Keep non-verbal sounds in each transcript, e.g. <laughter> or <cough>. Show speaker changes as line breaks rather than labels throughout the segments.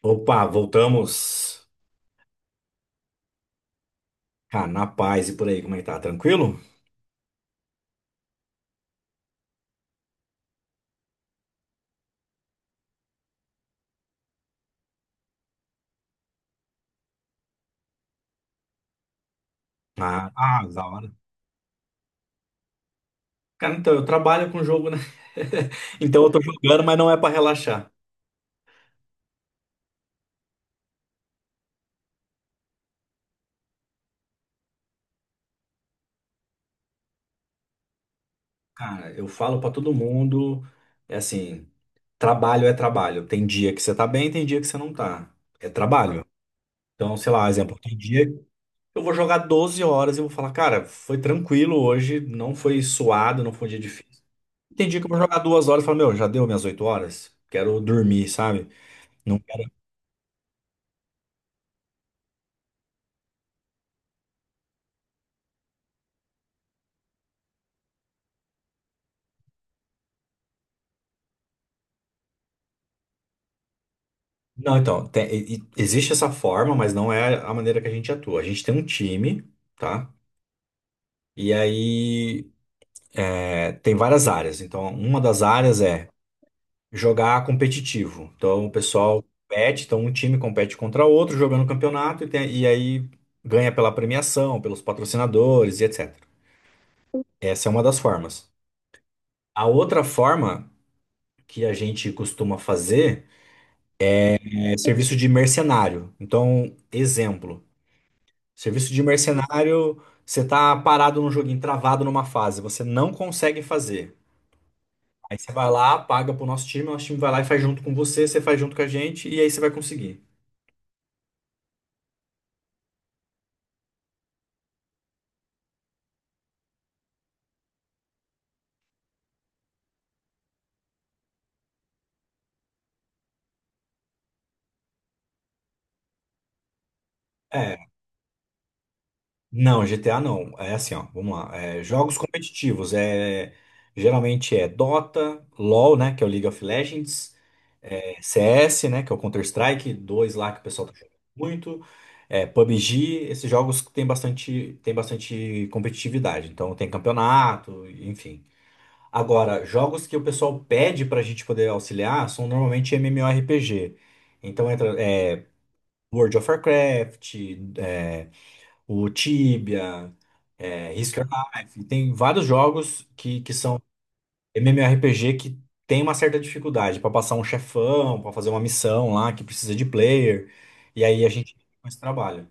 Opa, voltamos. Ah, na paz e por aí, como é que tá? Tranquilo? Da hora. Cara, então, eu trabalho com jogo, né? <laughs> Então eu tô jogando, mas não é pra relaxar. Cara, eu falo pra todo mundo, é assim, trabalho é trabalho. Tem dia que você tá bem, tem dia que você não tá. É trabalho. Então, sei lá, exemplo, tem dia que eu vou jogar 12 horas e vou falar, cara, foi tranquilo hoje, não foi suado, não foi um dia difícil. Tem dia que eu vou jogar 2 horas e falo, meu, já deu minhas 8 horas? Quero dormir, sabe? Não Não, então, existe essa forma, mas não é a maneira que a gente atua. A gente tem um time, tá? E aí tem várias áreas. Então, uma das áreas é jogar competitivo. Então, o pessoal compete, então um time compete contra outro, jogando campeonato, e, tem- e aí ganha pela premiação, pelos patrocinadores e etc. Essa é uma das formas. A outra forma que a gente costuma fazer é serviço de mercenário. Então, exemplo. Serviço de mercenário, você tá parado num joguinho, travado numa fase, você não consegue fazer. Aí você vai lá, paga pro nosso time, o nosso time vai lá e faz junto com você, você faz junto com a gente, e aí você vai conseguir. É, não, GTA não. É assim, ó, vamos lá. Jogos competitivos, geralmente é Dota, LoL, né, que é o League of Legends, CS, né, que é o Counter-Strike 2 lá que o pessoal tá jogando muito, PUBG, esses jogos que tem bastante competitividade, então tem campeonato, enfim. Agora, jogos que o pessoal pede pra gente poder auxiliar são normalmente MMORPG. Então entra World of Warcraft, é, o Tibia, Risk of Life, tem vários jogos que são MMORPG que tem uma certa dificuldade pra passar um chefão, pra fazer uma missão lá que precisa de player, e aí a gente fica com esse trabalho.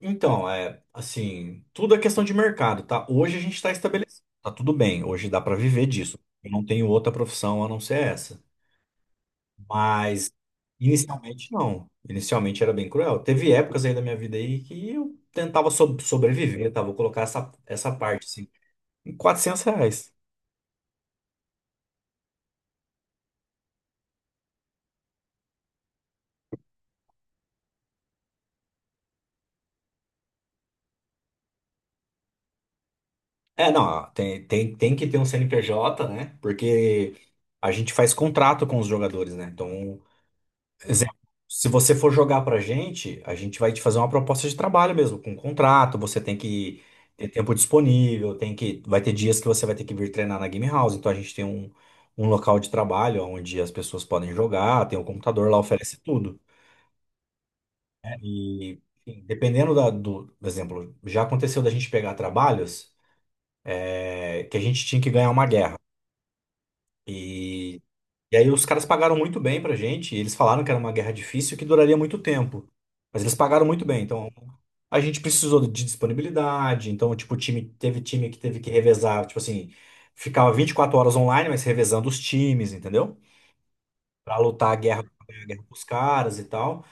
Então, é assim, tudo é questão de mercado, tá? Hoje a gente está estabelecido, tá tudo bem, hoje dá pra viver disso. Eu não tenho outra profissão a não ser essa. Mas inicialmente não. Inicialmente era bem cruel. Teve épocas aí da minha vida aí que eu tentava sobreviver, tá? Vou colocar essa parte assim, em 400 reais. É, não, ah, tem, tem que ter um CNPJ, né? Porque a gente faz contrato com os jogadores, né? Então, exemplo, se você for jogar pra gente, a gente vai te fazer uma proposta de trabalho mesmo, com contrato, você tem que ter tempo disponível, tem que, vai ter dias que você vai ter que vir treinar na Game House, então a gente tem um local de trabalho onde as pessoas podem jogar, tem um computador lá, oferece tudo. E enfim, dependendo da, por exemplo, já aconteceu da gente pegar trabalhos, que a gente tinha que ganhar uma guerra. e E aí os caras pagaram muito bem pra gente, e eles falaram que era uma guerra difícil e que duraria muito tempo. Mas eles pagaram muito bem, então a gente precisou de disponibilidade, então tipo, o time teve time que teve que revezar, tipo assim, ficava 24 horas online, mas revezando os times, entendeu? Pra lutar a guerra com os caras e tal.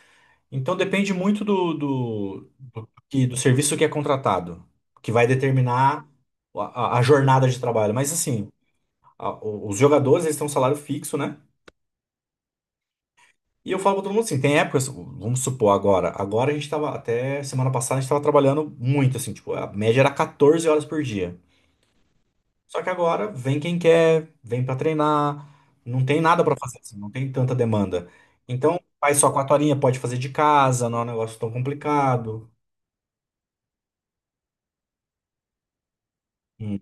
Então depende muito do serviço que é contratado, que vai determinar a jornada de trabalho. Mas assim, os jogadores eles têm um salário fixo, né? E eu falo pra todo mundo assim, tem épocas, vamos supor agora, até semana passada a gente tava trabalhando muito, assim, tipo, a média era 14 horas por dia. Só que agora vem quem quer, vem pra treinar, não tem nada pra fazer, assim, não tem tanta demanda. Então, faz só 4 horinhas, pode fazer de casa, não é um negócio tão complicado. Hum.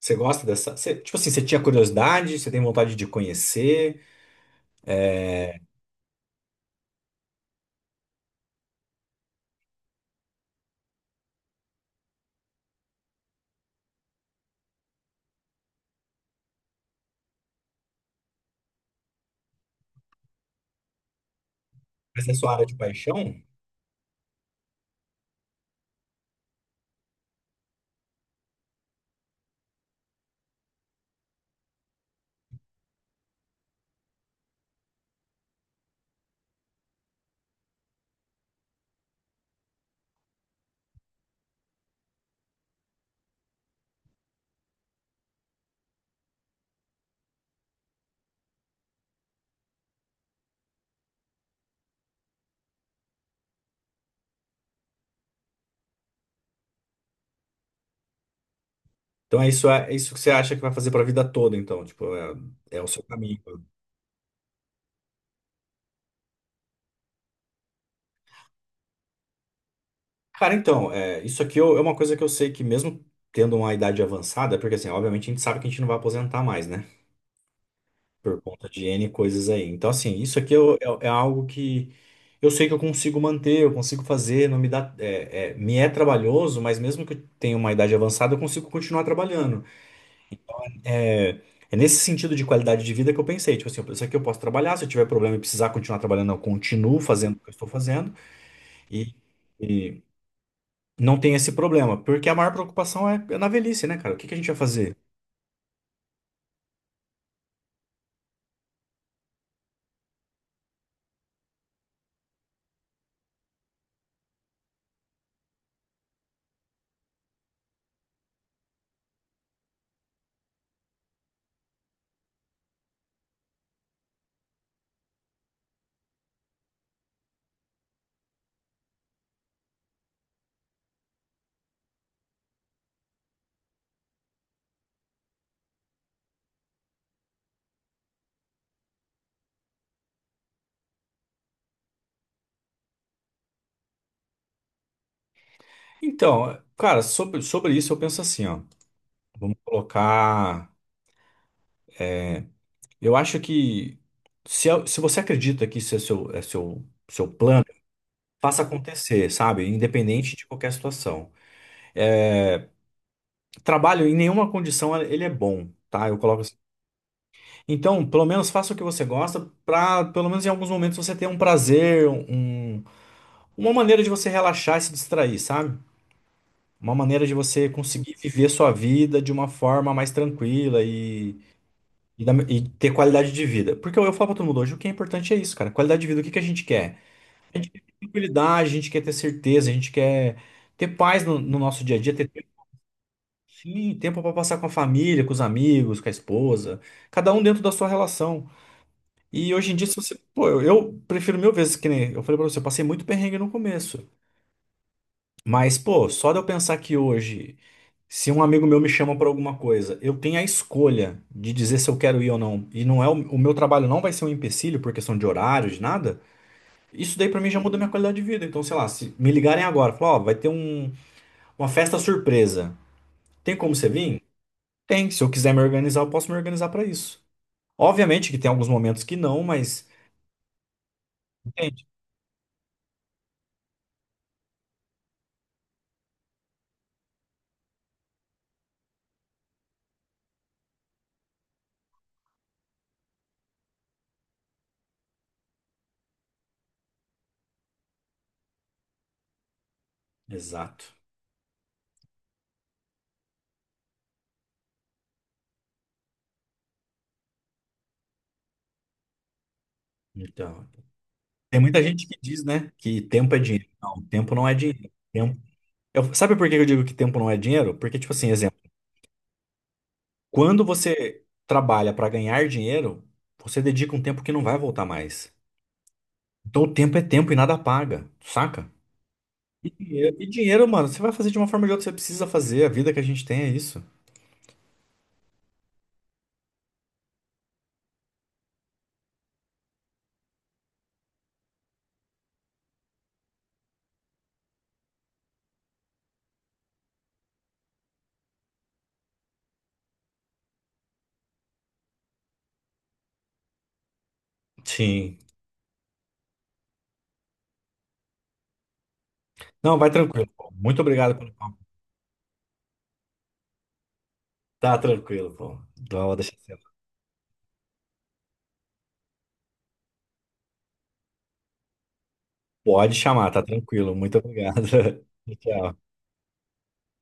Você gosta dessa? Tipo assim, você tinha curiosidade, você tem vontade de conhecer, é, mas é sua área de paixão? Então é isso que você acha que vai fazer pra vida toda, então, é o seu caminho. Cara, então, isso aqui é uma coisa que eu sei que mesmo tendo uma idade avançada, porque assim, obviamente a gente sabe que a gente não vai aposentar mais, né? Por conta de N coisas aí. Então, assim, isso aqui é algo que eu sei que eu consigo manter, eu consigo fazer, não me dá, me é trabalhoso, mas mesmo que eu tenha uma idade avançada, eu consigo continuar trabalhando. É, é nesse sentido de qualidade de vida que eu pensei, tipo assim, isso aqui eu posso trabalhar, se eu tiver problema e precisar continuar trabalhando, eu continuo fazendo o que eu estou fazendo. E, e- não tem esse problema, porque a maior preocupação é na velhice, né, cara? O que que a gente vai fazer? Então, cara, sobre isso eu penso assim, ó. Vamos colocar. Eu acho que se você acredita que isso é seu, seu plano, faça acontecer, sabe? Independente de qualquer situação. Trabalho em nenhuma condição ele é bom. Tá, eu coloco assim. Então, pelo menos faça o que você gosta, pra pelo menos em alguns momentos você ter um prazer, uma maneira de você relaxar e se distrair, sabe? Uma maneira de você conseguir viver sua vida de uma forma mais tranquila e ter qualidade de vida. Porque eu falo pra todo mundo hoje, o que é importante é isso, cara. Qualidade de vida, o que que a gente quer? A gente quer tranquilidade, a gente quer ter certeza, a gente quer ter paz no nosso dia a dia, ter tempo, sim, tempo para passar com a família, com os amigos, com a esposa, cada um dentro da sua relação. E hoje em dia, se você. Pô, eu prefiro mil vezes que nem. Eu falei pra você, eu passei muito perrengue no começo. Mas, pô, só de eu pensar que hoje. Se um amigo meu me chama para alguma coisa, eu tenho a escolha de dizer se eu quero ir ou não. E não é o meu trabalho não vai ser um empecilho por questão de horário, de nada. Isso daí para mim já muda minha qualidade de vida. Então, sei lá, se me ligarem agora, falar, ó, uma festa surpresa. Tem como você vir? Tem. Se eu quiser me organizar, eu posso me organizar para isso. Obviamente que tem alguns momentos que não, mas entende? Exato. Então, tem muita gente que diz, né, que tempo é dinheiro. Não, tempo não é dinheiro. Tempo... Sabe por que eu digo que tempo não é dinheiro? Porque, tipo assim, exemplo. Quando você trabalha para ganhar dinheiro, você dedica um tempo que não vai voltar mais. Então o tempo é tempo e nada paga, saca? E dinheiro, mano, você vai fazer de uma forma ou de outra, você precisa fazer. A vida que a gente tem é isso. Sim. Não, vai tranquilo, pô. Muito obrigado pelo papo. Tá tranquilo, pô. Não, deixa quieto. Pode chamar, tá tranquilo. Muito obrigado. <laughs> Tchau.